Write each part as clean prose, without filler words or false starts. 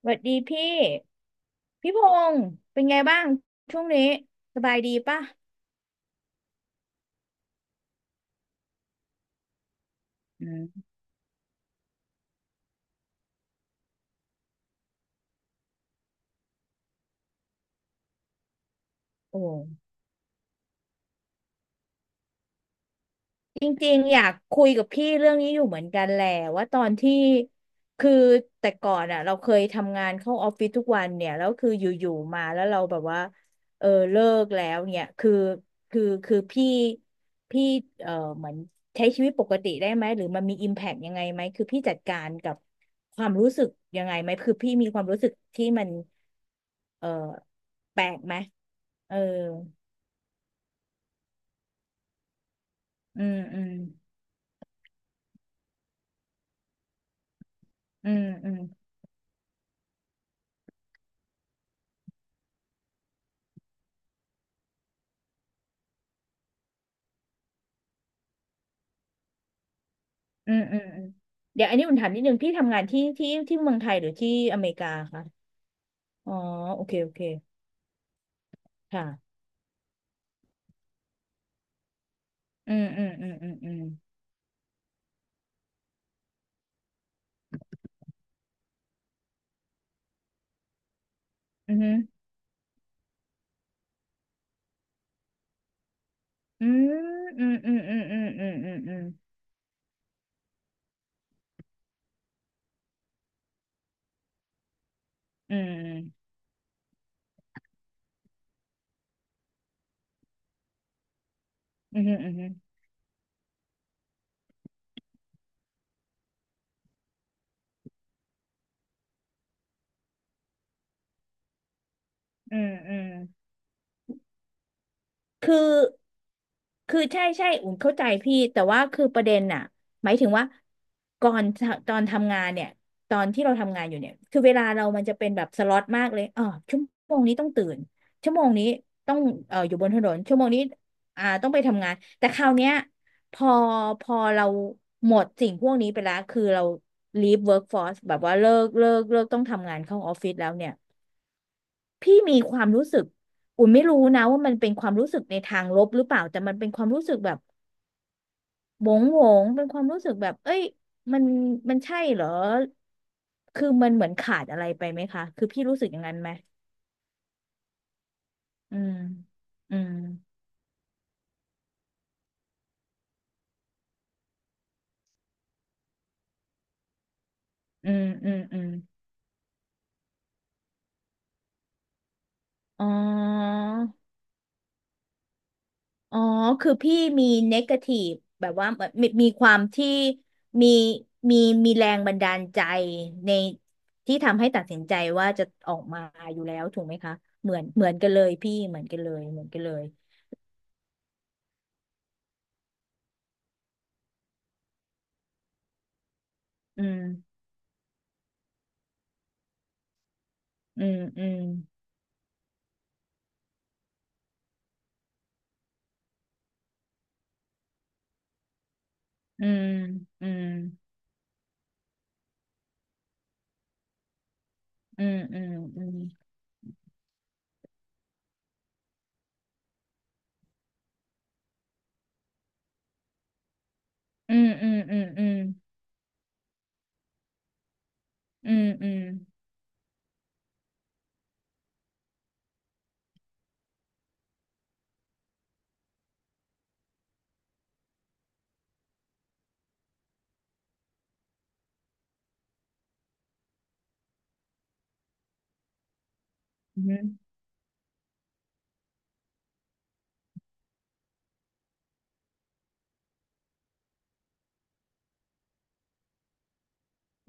สวัสดีพี่พงษ์เป็นไงบ้างช่วงนี้สบายดีป่ะอืมโอ้ จริงๆอยากคุยกับพี่เรื่องนี้อยู่เหมือนกันแหละว่าตอนที่คือแต่ก่อนอ่ะเราเคยทำงานเข้าออฟฟิศทุกวันเนี่ยแล้วคืออยู่ๆมาแล้วเราแบบว่าเออเลิกแล้วเนี่ยคือคือพี่พี่เออเหมือนใช้ชีวิตปกติได้ไหมหรือมันมีอิมแพกยังไงไหมคือพี่จัดการกับความรู้สึกยังไงไหมคือพี่มีความรู้สึกที่มันเออแปลกไหมเอออืมอืมอืมอืม อืมอืมอืมเดี๋ยวอันนี้อุ่นถามนิดนึงพี่ทำงานที่ที่เมืองไทยหรือที่อเมริกาคะอ๋อโอเคโอเคค่ะอืมอืมอืมอืมอืมอืมอืมอืมอืมอืมอืมอืมอืมอืมอืมอืมอืมอืมอืมอืมคือ คือใช่ใช่อุ่นเข้าใจพี่แต่ว่าคือประเด็นน่ะหมายถึงว่าก่อนตอนทำงานเนี่ยตอนที่เราทำงานอยู่เนี่ยคือเวลาเรามันจะเป็นแบบสล็อตมากเลยอ๋อชั่วโมงนี้ต้องตื่นชั่วโมงนี้ต้องอยู่บนถนนชั่วโมงนี้ต้องไปทำงานแต่คราวเนี้ยพอพอเราหมดสิ่งพวกนี้ไปแล้วคือเรา leave workforce แบบว่าเลิกต้องทำงานเข้าออฟฟิศแล้วเนี่ยพี่มีความรู้สึกอุ่นไม่รู้นะว่ามันเป็นความรู้สึกในทางลบหรือเปล่าแต่มันเป็นความรู้สึกแบบ โหวงโหวงเป็นความรู้สึกแบบเอ้ยมันมันใช่เหรอคือมันเหมือนขาดอะไรไปไหมคะคือพี่รู้สึกอย่างนั้นไหมอืมอืมอืมอืมอืมอ๋ออ๋อคือพี่มีเนกาทีฟแบบว่ามีมีความที่มีมีมีแรงบันดาลใจในที่ทำให้ตัดสินใจว่าจะออกมาอยู่แล้วถูกไหมคะเหมือนเหมือนกันเลยพี่เหมือนกันเลยเหมือนกันเลยอืมอืมอืมอืมอืม อืมอืมอืมอืมอืมอืมอืมอืม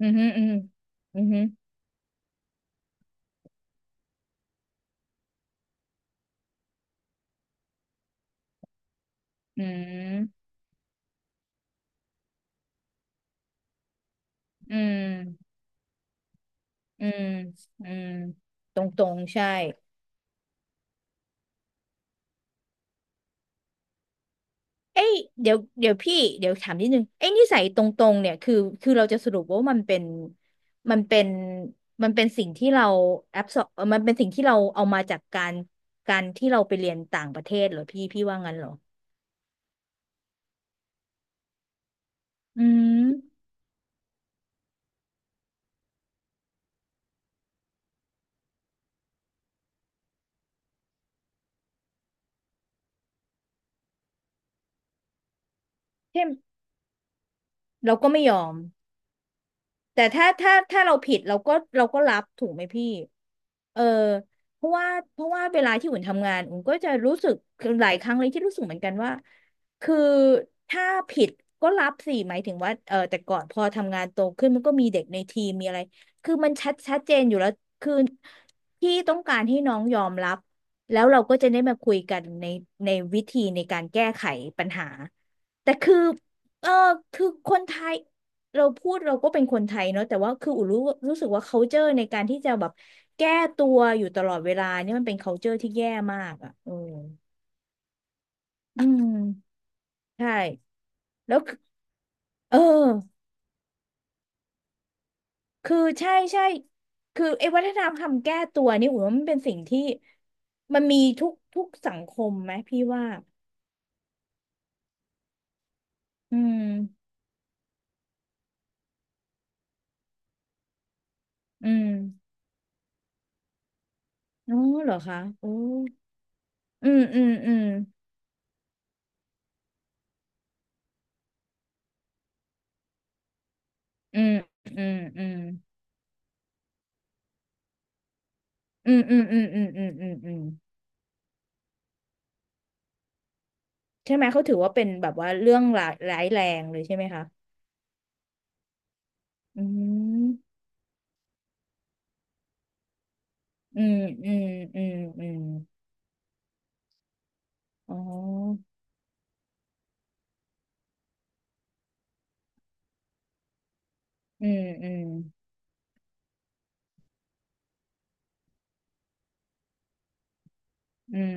อืมอืมอืมอืมอืมอืมอืมอืมอืมตรงตรงใช่เอ้ยเดี๋ยวพี่เดี๋ยวถามนิดนึงไอ้นิสัยตรงตรงเนี่ยคือคือเราจะสรุปว่ามันเป็นมันเป็นสิ่งที่เราแอบสอบมันเป็นสิ่งที่เราเอามาจากการที่เราไปเรียนต่างประเทศเหรอพี่พี่ว่างั้นเหรออืมเช่นเราก็ไม่ยอม แต่ถ้าเราผิดเราก็รับถูกไหมพี่เออเพราะว่าเพราะว่าเวลาที่อุ่นทำงานอุ่นก็จะรู้สึกหลายครั้งเลยที่รู้สึกเหมือนกันว่าคือถ้าผิดก็รับสิหมายถึงว่าเออแต่ก่อนพอทำงานโตขึ้นมันก็มีเด็กในทีมมีอะไรคือมันชัดชัดเจนอยู่แล้ว คือพี่ต้องการให้น้องยอมรับแล้วเราก็จะได้มาคุยกันในวิธีในการแก้ไขปัญหาแต่คือเออคือคนไทย เราพูดเราก็เป็นคนไทยเนาะแต่ว่าคืออูรู้รู้สึกว่า culture ในการที่จะแบบแก้ตัวอยู่ตลอดเวลาเนี่ยมันเป็น culture ที่แย่มากอ่ะเอออืมใช่แล้วคือเออคือใช่ใช่คือไอ้วัฒนธรรมคำแก้ตัวนี่อูว่ามันเป็นสิ่งที่มันมีทุกทุกสังคมไหมพี่ว่าอืมอืมอ๋อเหรอคะโอ้อืมอืมอืมอืมอืมอืมอืมอืมอืมอืมอืมอืม ใช่ไหมเขาถือว่าเป็นแบบว่าเรื่องร้ายร้ายแรงเลยใช่ไหมคะอืมอืมอืมอืมอืมอ๋ออืมอืมอืม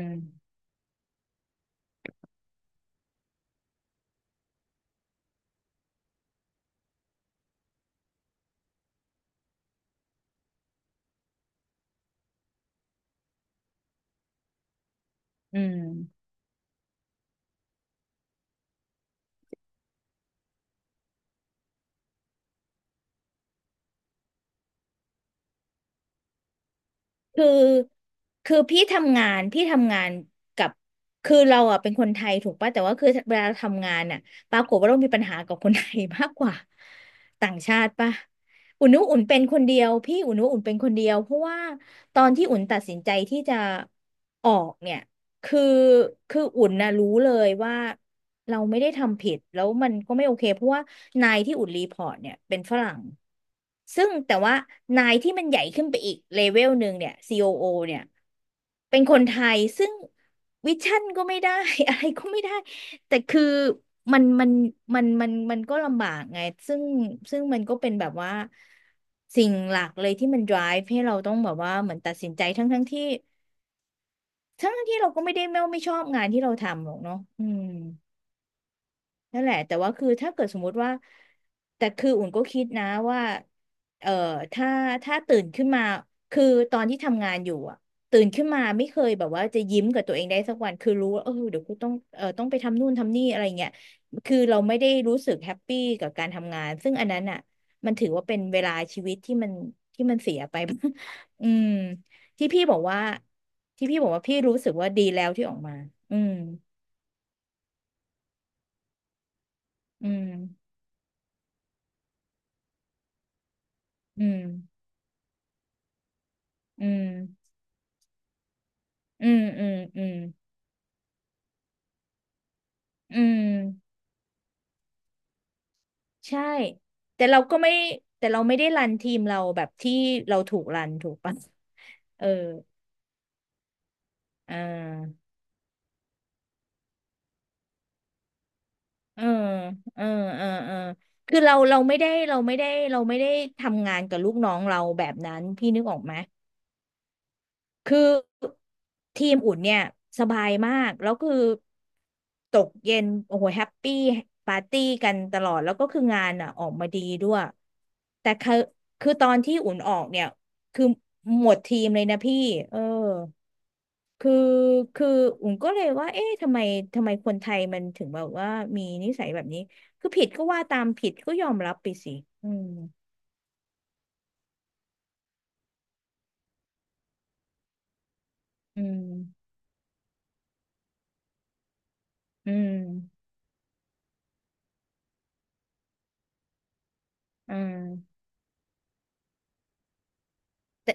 อืมคือ คือพี่ทำงานพี่ทำงานกับ คือเราอ่ะเป็นคนไทยถูกป่ะแต่ว่าคือเวลาเราทำงานอ่ะปรากฏว่าเรามีปัญหากับคนไทยมากกว่าต่างชาติป่ะอุ่นนุอุ่นเป็นคนเดียวพี่อุ่นนุอุ่นเป็นคนเดียวเพราะว่าตอนที่อุ่นตัดสินใจที่จะออกเนี่ย คือคืออุ่นนะรู้เลยว่าเราไม่ได้ทำผิดแล้วมันก็ไม่โอเคเพราะว่านายที่อุ่นรีพอร์ตเนี่ยเป็นฝรั่งซึ่งแต่ว่านายที่มันใหญ่ขึ้นไปอีกเลเวลหนึ่งเนี่ย COO เนี่ยเป็นคนไทยซึ่งวิชั่นก็ไม่ได้ อะไรก็ไม่ได้แต่คือมันมันมันมันก็ลำบากไงซึ่งซึ่งมันก็เป็นแบบว่าสิ่งหลักเลยที่มัน drive ให้เราต้องแบบว่าเหมือนตัดสินใจทั้งทั้งที่เราก็ไม่ได้ไม่ชอบงานที่เราทำหรอกเนาะอืม นั่นแหละแต่ว่าคือถ้าเกิดสมมุติว่าแต่คืออุ่นก็คิดนะว่าเอ่อถ้าถ้าตื่นขึ้นมาคือตอนที่ทำงานอยู่อะตื่นขึ้นมาไม่เคยแบบว่าจะยิ้มกับตัวเองได้สักวันคือรู้ว่าเออเดี๋ยวกูต้องเออต้องไปทำนู่นทำนี่อะไรเงี้ยคือเราไม่ได้รู้สึกแฮปปี้กับการทำงานซึ่งอันนั้นอ่ะมันถือว่าเป็นเวลาชีวิตที่มันเสียไป อืมที่พี่บอกว่าที่พี่บอกว่าพี่รู้สึกว่าดีแล้วที่ออกมาอืมอืมอืมอืม อืมอืมอืมอืมใช่แต่เราก็ไม่แต่เราไม่ได้รันทีมเราแบบที่เราถูกรันถูกปะ เอออ่าเออเออเออเออคือเราเราไม่ได้ทำงานกับลูกน้องเราแบบนั้นพี่นึกออกไหม คือทีมอุ่นเนี่ยสบายมากแล้วคือตกเย็นโอ้โหแฮปปี้ปาร์ตี้กันตลอดแล้วก็คืองานอ่ะออกมาดีด้วยแต่คือคือตอนที่อุ่นออกเนี่ยคือหมดทีมเลยนะพี่เออคือคืออุ่นก็เลยว่าเอ๊ะทำไมคนไทยมันถึงแบบว่ามีนิสัยแบบนี้คือผิดก็ว่าตามผิดก็ยอมรับไปสิอืมอืมอืมอืมแต่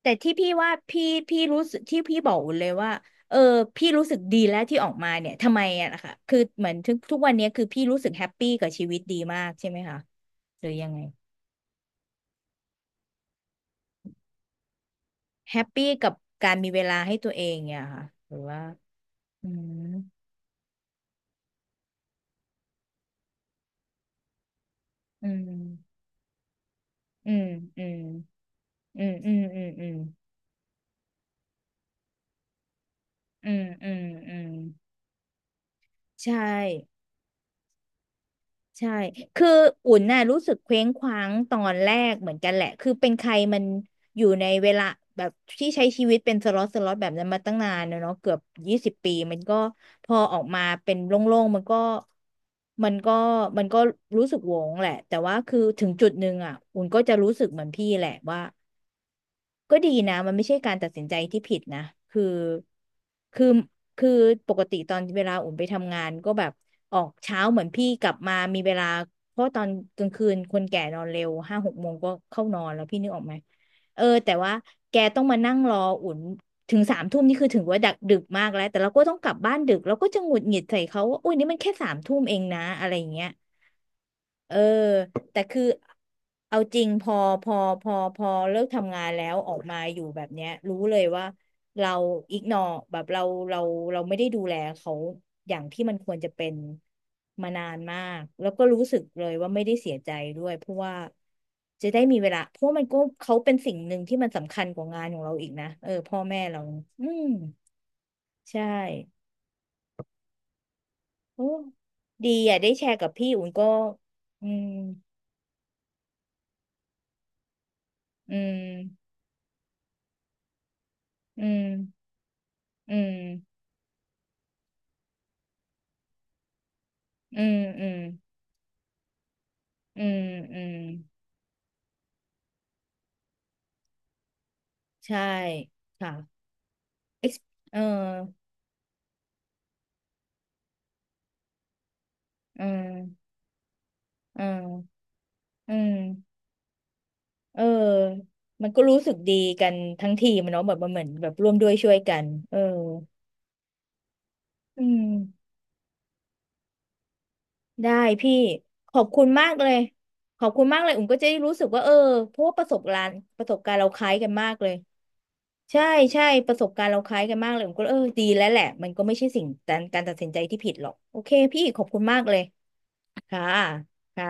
แต่ที่พี่ว่าพี่รู้สึกที่พี่บอกเลยว่าเออพี่รู้สึกดีแล้วที่ออกมาเนี่ยทำไมอะนะคะคือเหมือนทุกวันเนี้ยคือพี่รู้สึกแฮปปี้กับชีวิตดีมากใช่ไหมคะหรือยังไงแฮปปี้กับการมีเวลาให้ตัวเองเนี่ยค่ะหรือว่าอืมอืมอืมอืมอืมอืมอืมอืมอืมอืมอืมใช่ ใช่คืออุ่นน่ะรู้สึกเคว้งคว้างตอนแรกเหมือนกันแหละคือเป็นใครมันอยู่ในเวลาแบบที่ใช้ชีวิตเป็นสล็อตสล็อตแบบนั้นมาตั้งนานแล้วเนาะเกือบ20 ปีมันก็พอออกมาเป็นโล่งๆมันก็มันก็มันก็รู้สึกโหวงแหละแต่ว่าคือถึงจุดหนึ่งอ่ะอุ่นก็จะรู้สึกเหมือนพี่แหละว่า ก็ดีนะมันไม่ใช่การตัดสินใจที่ผิดนะคือคือคือปกติตอนเวลาอุ่นไปทำงานก็แบบออกเช้าเหมือนพี่กลับมามีเวลาเพราะตอนกลางคืนคนแก่นอนเร็ว5-6 โมงก็เข้านอนแล้วพี่นึกออกไหมเออแต่ว่าแกต้องมานั่งรออุ่นถึงสามทุ่มนี่คือถึงว่าดึกดึกมากแล้วแต่เราก็ต้องกลับบ้านดึกเราก็จะหงุดหงิดใส่เขาว่าอุ้ยนี่มันแค่สามทุ่มเองนะอะไรอย่างเงี้ย เออแต่คือเอาจริงพอพอเลิกทำงานแล้วออกมาอยู่แบบเนี้ยรู้เลยว่าเราอิกนอแบบเราเราเราไม่ได้ดูแลเขาอย่างที่มันควรจะเป็นมานานมากแล้วก็รู้สึกเลยว่าไม่ได้เสียใจด้วยเพราะว่าจะได้มีเวลาเพราะมันก็เขาเป็นสิ่งหนึ่งที่มันสำคัญกว่างานของเราอีกนะเออพ่อแม่เราอืมใช่โอ้ดีอ่ะได้แชร์กับพี่อุ่นก็อืมอืมอืม อืมอืมอืมอืมอืมใช่ค่ะ ex เออเออเอออืมเออมันก็รู้สึกดีกันทั้งทีมอะเนาะแบบมันเหมือนแบบร่วมด้วยช่วยกันเอออืมได้พี่ขอบคุณมากเลยขอบคุณมากเลยอุ่มก็จะได้รู้สึกว่าเออเพราะว่าประสบการณ์เราคล้ายกันมากเลยใช่ใช่ประสบการณ์เราคล้ายกันมากเลยผมก็เออดีแล้วแหละมันก็ไม่ใช่สิ่งการตัดสินใจที่ผิดหรอกโอเคพี่ขอบคุณมากเลย ค่ะ